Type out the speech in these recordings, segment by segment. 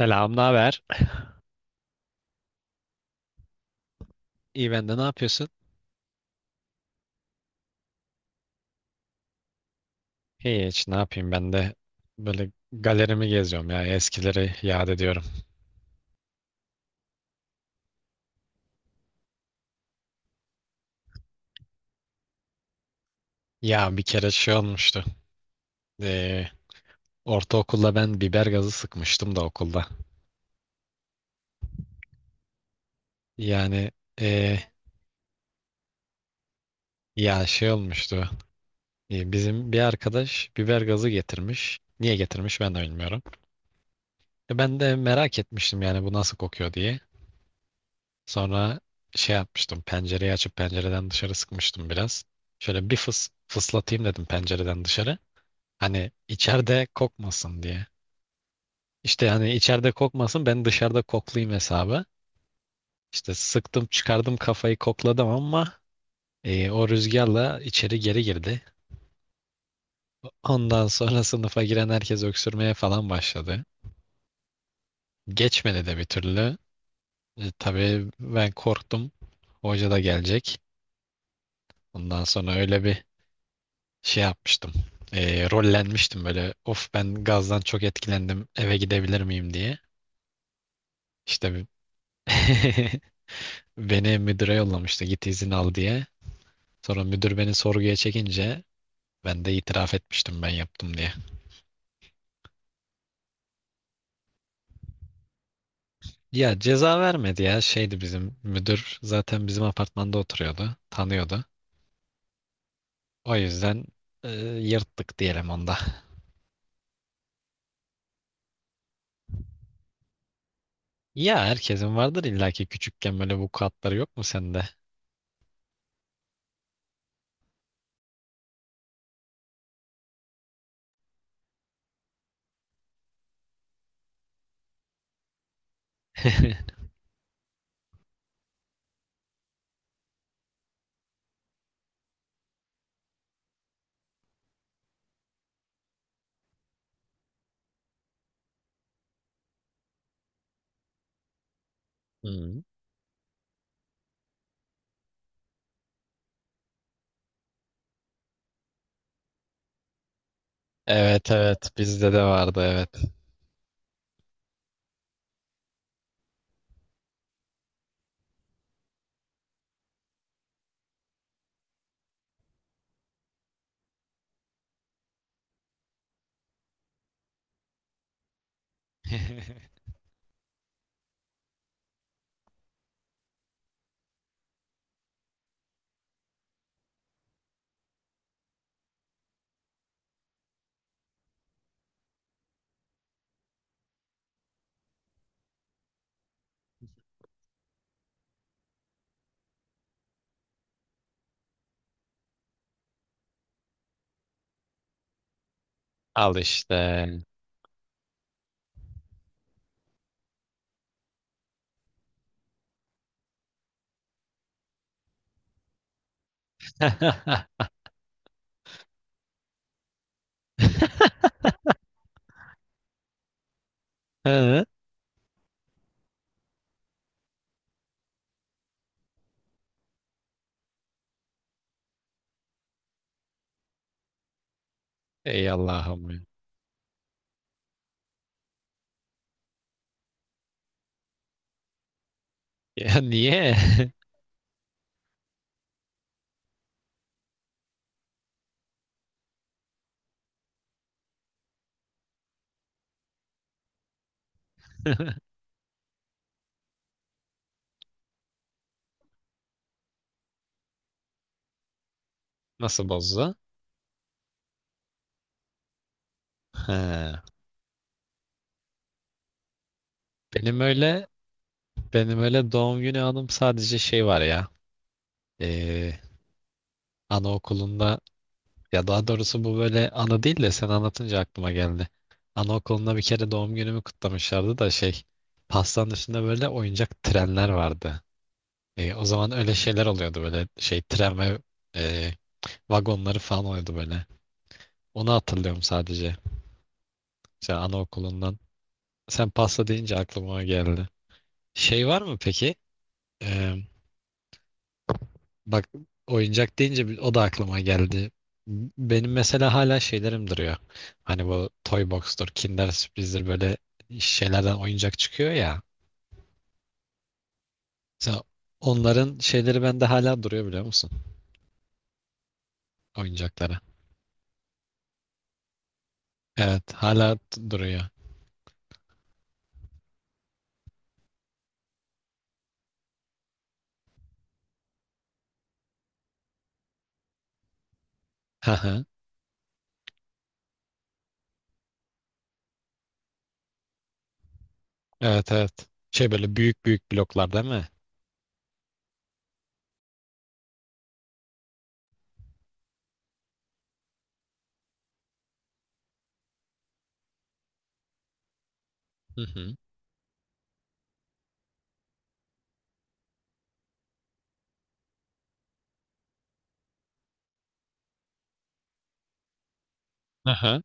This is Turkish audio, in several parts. Selam, ne haber? İyi ben de, ne yapıyorsun? İyi, hiç ne yapayım ben de böyle galerimi geziyorum ya, eskileri yad ediyorum. Ya bir kere şey olmuştu. Ee, ortaokulda ben biber gazı sıkmıştım da okulda. Yani ee, ya şey olmuştu. Bizim bir arkadaş biber gazı getirmiş. Niye getirmiş ben de bilmiyorum. Ben de merak etmiştim yani bu nasıl kokuyor diye. Sonra şey yapmıştım. Pencereyi açıp pencereden dışarı sıkmıştım biraz. Şöyle bir fıs fıslatayım dedim pencereden dışarı. Hani içeride kokmasın diye. İşte hani içeride kokmasın, ben dışarıda koklayayım hesabı. İşte sıktım, çıkardım kafayı kokladım ama o rüzgarla içeri geri girdi. Ondan sonra sınıfa giren herkes öksürmeye falan başladı. Geçmedi de bir türlü. E, tabii ben korktum. Hoca da gelecek. Ondan sonra öyle bir şey yapmıştım. E, rollenmiştim böyle. Of ben gazdan çok etkilendim, eve gidebilir miyim diye. İşte bir- beni müdüre yollamıştı. Git izin al diye. Sonra müdür beni sorguya çekince ben de itiraf etmiştim, ben yaptım diye. Ya ceza vermedi ya. Şeydi, bizim müdür zaten bizim apartmanda oturuyordu. Tanıyordu. O yüzden e, yırttık diyelim onda. Ya herkesin vardır illaki, küçükken böyle vukuatları yok mu sende? Hmm. Evet, evet, bizde de vardı, evet. Al işte. Hı? Ey Allah'ım, ya. Ya niye? Nasıl bozdu? Ha. Benim öyle benim öyle doğum günü anım sadece, şey var ya. Ee, Anaokulunda, ya daha doğrusu bu böyle anı değil de sen anlatınca aklıma geldi. Anaokulunda bir kere doğum günümü kutlamışlardı da şey, pastanın üstünde böyle oyuncak trenler vardı. E, o zaman öyle şeyler oluyordu böyle, şey tren ve e, vagonları falan oluyordu böyle. Onu hatırlıyorum sadece. Mesela anaokulundan. Sen pasta deyince aklıma o geldi. Şey var mı peki? E, bak, oyuncak deyince bir- o da aklıma geldi. Benim mesela hala şeylerim duruyor. Hani bu Toy Box'tur, Kinder Sürpriz'dir, böyle şeylerden oyuncak çıkıyor ya. Mesela onların şeyleri bende hala duruyor biliyor musun? Oyuncakları. Evet, hala duruyor. Evet, evet. Şey böyle büyük büyük bloklar değil mi? Hı hı. Aha.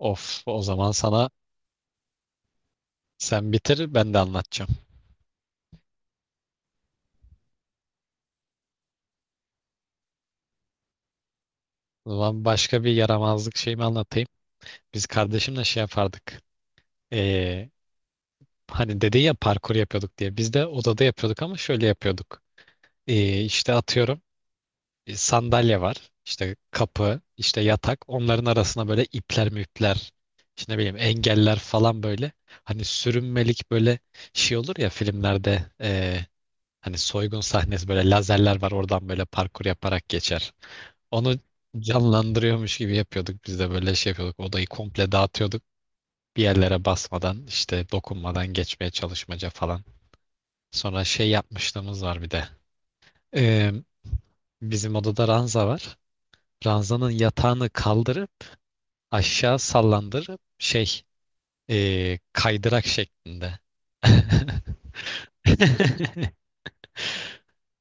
Of, o zaman sana, sen bitir ben de anlatacağım. O zaman başka bir yaramazlık şeyimi anlatayım. Biz kardeşimle şey yapardık. Ee, Hani dedin ya parkur yapıyorduk diye. Biz de odada yapıyorduk ama şöyle yapıyorduk. İşte atıyorum, sandalye var, işte kapı, işte yatak. Onların arasına böyle ipler müpler, işte ne bileyim engeller falan böyle. Hani sürünmelik böyle şey olur ya filmlerde. E, hani soygun sahnesi böyle, lazerler var, oradan böyle parkur yaparak geçer. Onu canlandırıyormuş gibi yapıyorduk, biz de böyle şey yapıyorduk. Odayı komple dağıtıyorduk. Bir yerlere basmadan, işte dokunmadan geçmeye çalışmaca falan. Sonra şey yapmışlığımız var bir de. Ee, Bizim odada ranza var. Ranzanın yatağını kaldırıp aşağı sallandırıp şey, kaydırak şeklinde.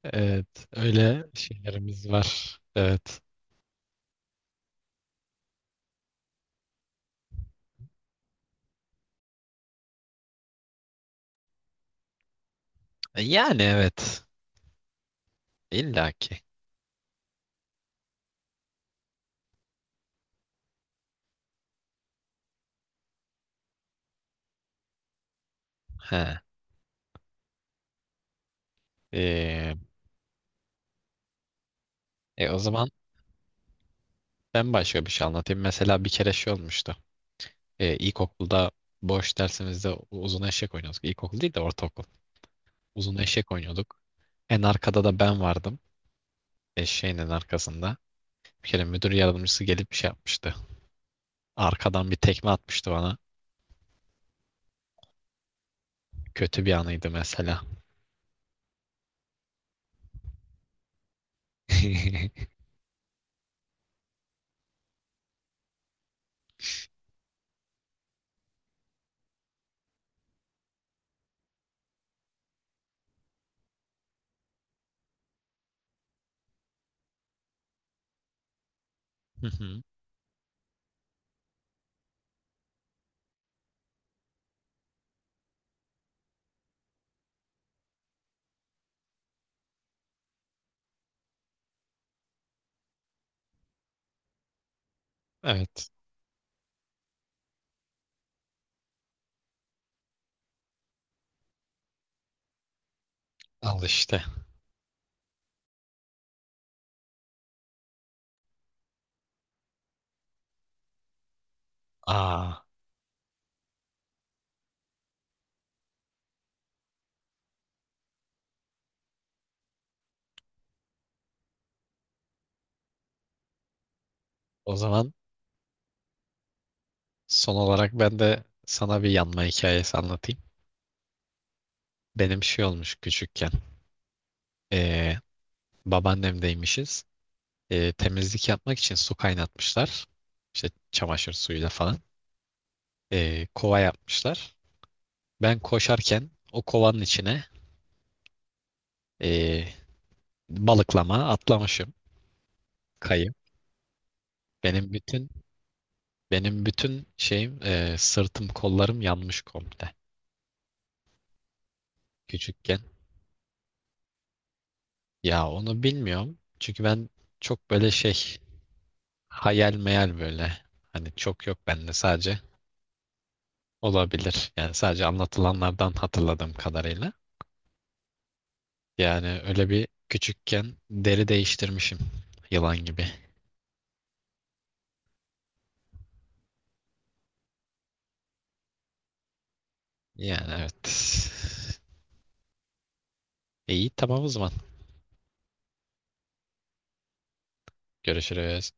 Evet, öyle şeylerimiz var. Evet. Yani evet. İlla ki. He. Ee, o zaman ben başka bir şey anlatayım. Mesela bir kere şey olmuştu. İlkokulda boş dersimizde uzun eşek oynuyorduk. İlkokul değil de ortaokul. Uzun eşek oynuyorduk. En arkada da ben vardım. Eşeğin en arkasında. Bir kere müdür yardımcısı gelip bir şey yapmıştı. Arkadan bir tekme atmıştı bana. Kötü bir anıydı mesela. Hı hı. Evet. Al işte. Aa, o zaman son olarak ben de sana bir yanma hikayesi anlatayım. Benim şey olmuş küçükken. Ee, Babaannemdeymişiz. Temizlik yapmak için su kaynatmışlar. İşte çamaşır suyuyla falan. Kova yapmışlar. Ben koşarken o kovanın içine ee, balıklama atlamışım. Kayıp. Benim bütün benim bütün şeyim, sırtım, kollarım yanmış komple. Küçükken. Ya onu bilmiyorum. Çünkü ben çok böyle şey, hayal meyal böyle. Hani çok yok bende sadece. Olabilir. Yani sadece anlatılanlardan hatırladığım kadarıyla. Yani öyle bir küçükken deri değiştirmişim. Yılan gibi. Yani evet. İyi, tamam o zaman. Görüşürüz.